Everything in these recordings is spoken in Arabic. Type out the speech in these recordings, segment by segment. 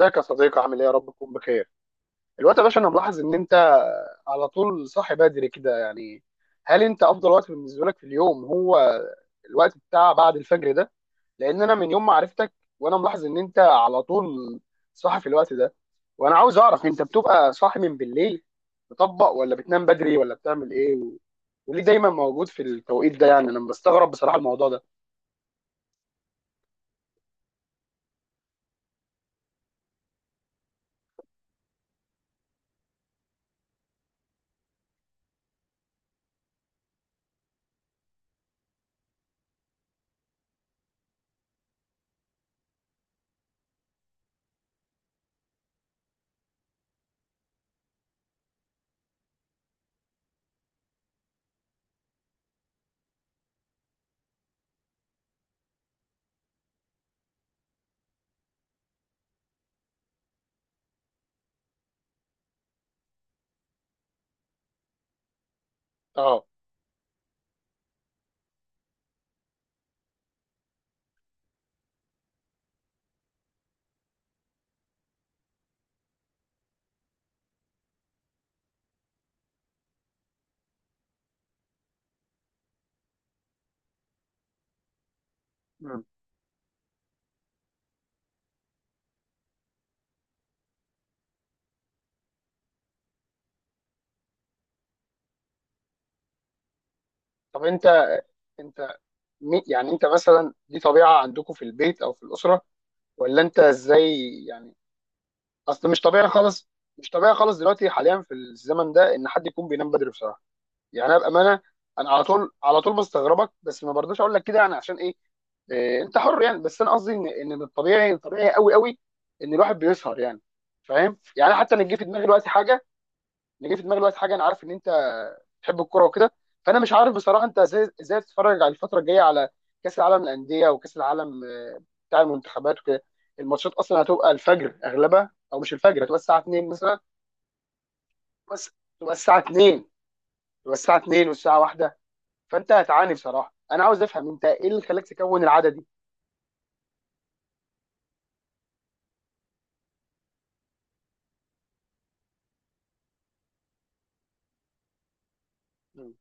ازيك يا صديقي، عامل ايه؟ يا رب تكون بخير. الوقت يا باشا، انا ملاحظ ان انت على طول صاحي بدري كده يعني. هل انت افضل وقت بالنسبه لك في اليوم هو الوقت بتاع بعد الفجر ده؟ لان انا من يوم ما عرفتك وانا ملاحظ ان انت على طول صاحي في الوقت ده، وانا عاوز اعرف، انت بتبقى صاحي من بالليل تطبق، ولا بتنام بدري، ولا بتعمل ايه، وليه دايما موجود في التوقيت ده؟ يعني انا بستغرب بصراحه الموضوع ده. اه. مم. طب انت، يعني انت مثلا دي طبيعه عندكم في البيت او في الاسره، ولا انت ازاي يعني؟ اصل مش طبيعي خالص، مش طبيعي خالص دلوقتي حاليا في الزمن ده ان حد يكون بينام بدري بصراحه. يعني انا بامانه، انا على طول على طول بستغربك، بس ما برضاش اقول لك كده، يعني عشان ايه؟ إيه، انت حر يعني. بس انا قصدي ان من الطبيعي، طبيعي قوي قوي ان الواحد بيسهر يعني، فاهم؟ يعني حتى انا جه في دماغي دلوقتي حاجه. انا جاي في دماغي دلوقتي حاجه، انا عارف ان انت بتحب الكوره وكده، فانا مش عارف بصراحه انت ازاي بتتفرج على الفتره الجايه، على كاس العالم للانديه وكاس العالم بتاع المنتخبات وكده. الماتشات اصلا هتبقى الفجر اغلبها، او مش الفجر، هتبقى الساعه 2 مثلا، بس تبقى الساعه 2، تبقى الساعه 2 والساعه 1. فانت هتعاني بصراحه. انا عاوز افهم انت ايه اللي خلاك تكون العاده دي. مم.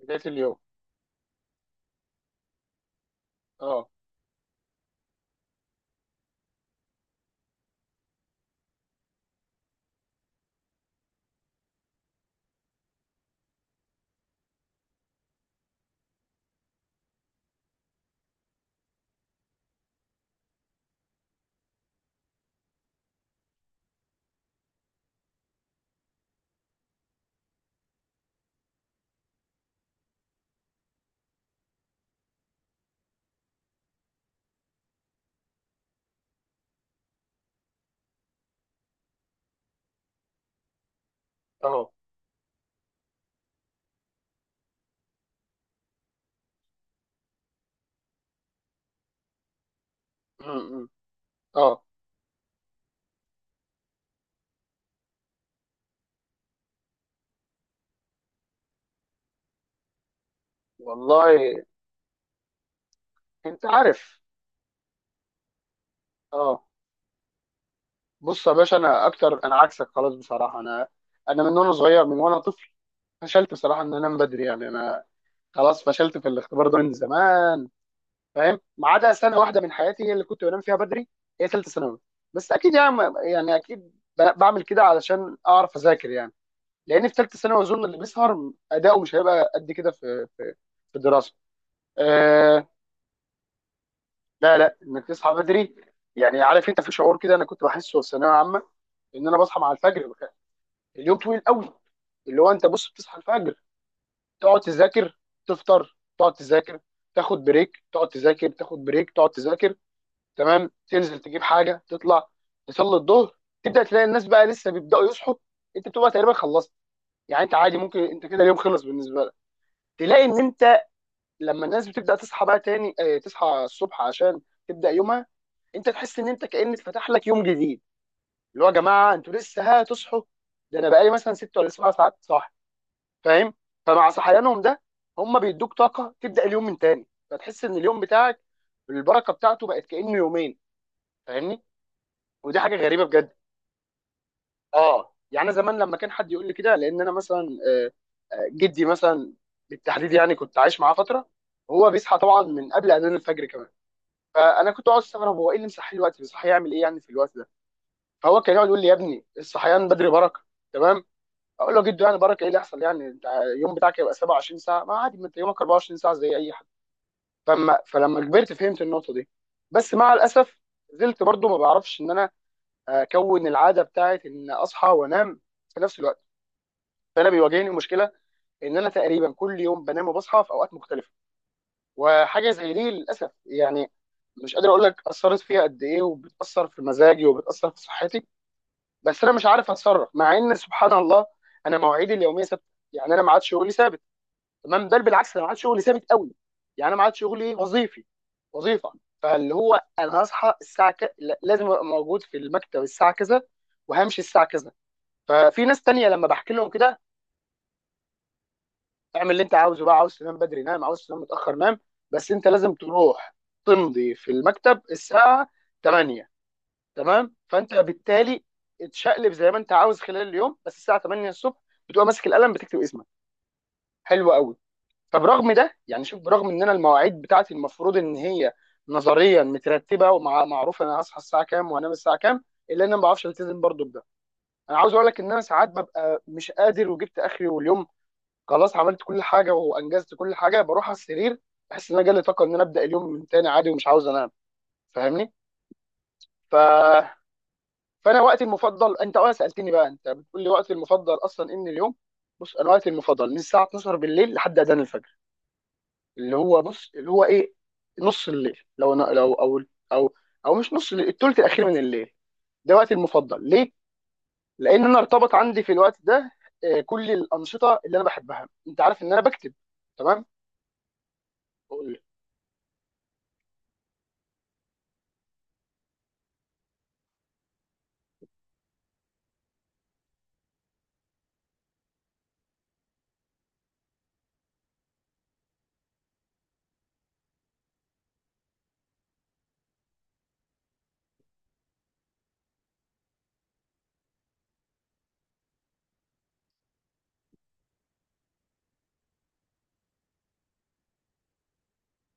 بدايه اليوم. اه. اه. مم، مم. اه. والله انت عارف. اه بص يا باشا، انا اكتر انا عكسك خلاص بصراحه. انا من وانا صغير، من وانا طفل، فشلت بصراحه ان انا انام بدري. يعني انا خلاص فشلت في الاختبار ده من زمان، فاهم؟ ما عدا سنه واحده من حياتي هي اللي كنت بنام فيها بدري، هي ثالثه ثانوي. بس اكيد يعني. يعني اكيد بعمل كده علشان اعرف اذاكر يعني. لان في ثالثه ثانوي اظن اللي بيسهر اداؤه مش هيبقى قد كده في في الدراسه. أه. لا لا، انك تصحى بدري، يعني عارف انت في شعور كده انا كنت بحسه في ثانويه عامه، ان انا بصحى مع الفجر، اليوم طويل قوي. اللي هو انت بص بتصحى الفجر، تقعد تذاكر، تفطر، تقعد تذاكر، تاخد بريك، تقعد تذاكر، تاخد بريك، تقعد تذاكر، تمام، تنزل تجيب حاجه، تطلع تصلي الظهر، تبدا تلاقي الناس بقى لسه بيبداوا يصحوا. انت بتبقى تقريبا خلصت. يعني انت عادي، ممكن انت كده اليوم خلص بالنسبه لك. تلاقي ان انت لما الناس بتبدا تصحى بقى تاني، اه تصحى الصبح عشان تبدا يومها، انت تحس ان انت كان اتفتح لك يوم جديد، اللي هو يا جماعه انتوا لسه هتصحوا، ده انا بقالي مثلا 6 ولا 7 ساعات صاحي، فاهم؟ فمع صحيانهم ده، هم بيدوك طاقه تبدا اليوم من تاني، فتحس ان اليوم بتاعك البركه بتاعته بقت كانه يومين، فاهمني؟ ودي حاجه غريبه بجد. اه يعني أنا زمان لما كان حد يقول لي كده، لان انا مثلا، آه، جدي مثلا بالتحديد، يعني كنت عايش معاه فتره، هو بيصحى طبعا من قبل اذان الفجر كمان، فانا كنت اقعد استغرب، هو ايه اللي مصحيه الوقت؟ بيصحى يعمل ايه يعني في الوقت ده؟ فهو كان يقعد يقول لي يا ابني، الصحيان بدري بركه. تمام. اقول له جدو يعني بركه ايه اللي يحصل؟ يعني انت اليوم بتاعك يبقى 27 ساعه؟ ما عادي، ما انت يومك 24 ساعه زي اي حد. فلما كبرت فهمت النقطه دي. بس مع الاسف، زلت برضو ما بعرفش ان انا اكون العاده بتاعت ان اصحى وانام في نفس الوقت، فانا بيواجهني مشكله ان انا تقريبا كل يوم بنام وبصحى في اوقات مختلفه، وحاجه زي دي للاسف يعني، مش قادر اقول لك اثرت فيها قد ايه، وبتاثر في مزاجي وبتاثر في صحتي. بس انا مش عارف اتصرف، مع ان سبحان الله انا مواعيدي اليوميه ثابته. يعني انا ما عادش شغلي ثابت، تمام، بل بالعكس انا معاد شغلي ثابت قوي. يعني انا معاد شغلي وظيفي، وظيفه. فاللي هو انا هصحى الساعه لازم ابقى موجود في المكتب الساعه كذا، وهمشي الساعه كذا. ففي ناس تانية لما بحكي لهم كده، اعمل اللي انت عاوزه بقى، عاوز تنام بدري نام، عاوز تنام متاخر نام، بس انت لازم تروح تمضي في المكتب الساعه 8. تمام. فانت بالتالي اتشقلب زي ما انت عاوز خلال اليوم، بس الساعه 8 الصبح بتبقى ماسك القلم بتكتب اسمك. حلو قوي. فبرغم ده يعني شوف، برغم ان انا المواعيد بتاعتي المفروض ان هي نظريا مترتبه ومعروف انا هصحى الساعه كام وانام الساعه كام، الا ان انا ما بعرفش التزم برضه بده. انا عاوز اقول لك ان انا ساعات ببقى مش قادر، وجبت اخري واليوم خلاص عملت كل حاجه وانجزت كل حاجه، بروح على السرير، بحس ان انا جالي طاقه ان انا ابدا اليوم من تاني عادي، ومش عاوز انام، فاهمني؟ ف... فانا وقتي المفضل، انت اه سالتني بقى، انت بتقول لي وقتي المفضل اصلا ان اليوم، بص انا وقتي المفضل من الساعه 12 بالليل لحد اذان الفجر. اللي هو بص اللي هو ايه، نص الليل، لو أنا لو او او او مش نص الليل، الثلث الاخير من الليل. ده وقتي المفضل. ليه؟ لان انا ارتبط عندي في الوقت ده كل الانشطه اللي انا بحبها. انت عارف ان انا بكتب، تمام؟ بقول لك،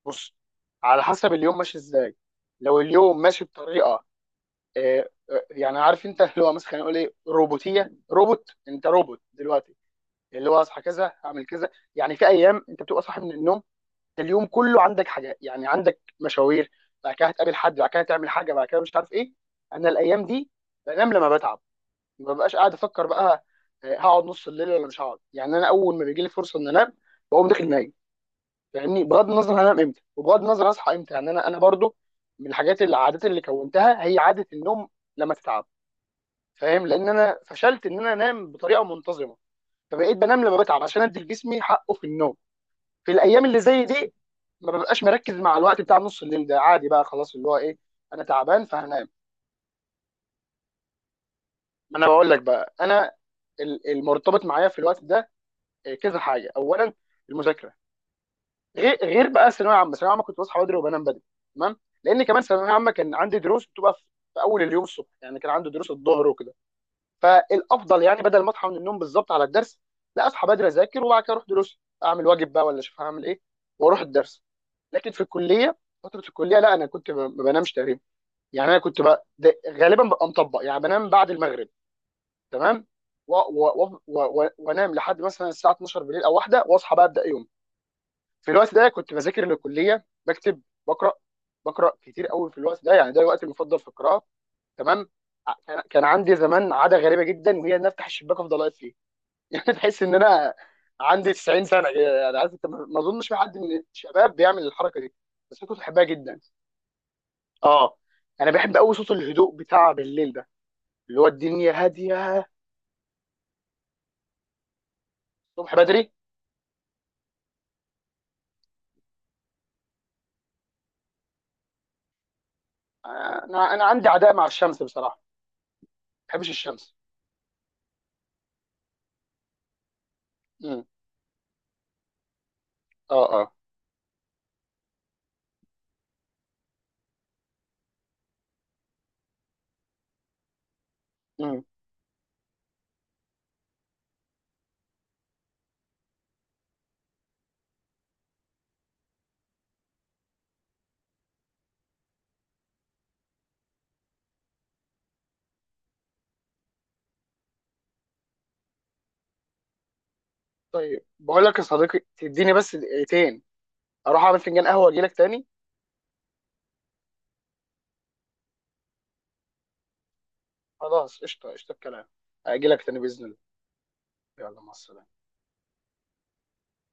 بص، على حسب اليوم ماشي ازاي. لو اليوم ماشي بطريقه يعني عارف انت، اللي هو مثلا نقول ايه، روبوتيه، روبوت، انت روبوت دلوقتي، اللي هو اصحى كذا اعمل كذا. يعني في ايام انت بتبقى صاحي من النوم، اليوم كله عندك حاجات، يعني عندك مشاوير، بعد كده هتقابل حد، بعد كده تعمل حاجه، بعد كده مش عارف ايه. انا الايام دي بنام لما بتعب. ما ببقاش قاعد افكر بقى هقعد نص الليل ولا مش هقعد. يعني انا اول ما بيجي لي فرصه ان انام، بقوم داخل نايم، فاهمني؟ بغض النظر هنام امتى وبغض النظر اصحى امتى، يعني انا برضو من الحاجات، اللي العادات اللي كونتها هي عاده النوم لما تتعب، فاهم؟ لان انا فشلت ان انا انام بطريقه منتظمه، فبقيت بنام لما بتعب عشان ادي لجسمي حقه في النوم. في الايام اللي زي دي ما ببقاش مركز مع الوقت بتاع نص الليل ده، عادي بقى خلاص، اللي هو ايه، انا تعبان فهنام. ما انا بقول لك بقى انا، المرتبط معايا في الوقت ده كذا حاجه. اولا، المذاكره. غير بقى الثانويه عامه، الثانويه عامه كنت بصحى بدري وبنام بدري، تمام. لان كمان الثانويه عامه كان عندي دروس بتبقى في اول اليوم، الصبح يعني. كان عندي دروس الظهر وكده، فالافضل يعني بدل ما اصحى من النوم بالظبط على الدرس، لا اصحى بدري اذاكر وبعد كده اروح دروس، اعمل واجب بقى، ولا اشوف هعمل ايه واروح الدرس. لكن في الكليه، فتره الكليه لا، انا كنت ما بنامش تقريبا. يعني انا كنت بقى غالبا ببقى مطبق يعني، بنام بعد المغرب، تمام، وانام لحد مثلا الساعه 12 بالليل او واحده، واصحى بقى ابدا يوم. في الوقت ده كنت بذاكر للكليه، بكتب، بقرا بقرا كتير قوي في الوقت ده. يعني ده الوقت المفضل في القراءه، تمام. كان عندي زمان عاده غريبه جدا، وهي ان افتح الشباك افضل اقرا. يعني تحس ان انا عندي 90 سنه كده، يعني عارف انت، ما اظنش في حد من الشباب بيعمل الحركه دي، بس انا كنت بحبها جدا. اه. انا بحب قوي صوت الهدوء بتاع بالليل ده، اللي هو الدنيا هاديه الصبح بدري. انا عندي عداء مع الشمس بصراحه، ما بحبش الشمس. امم. اه. اه. امم. طيب بقول لك يا صديقي، تديني بس دقيقتين، اروح اعمل فنجان قهوه واجي لك تاني. خلاص، قشطه، قشطه الكلام. اجي لك تاني باذن الله. يلا مع السلامه.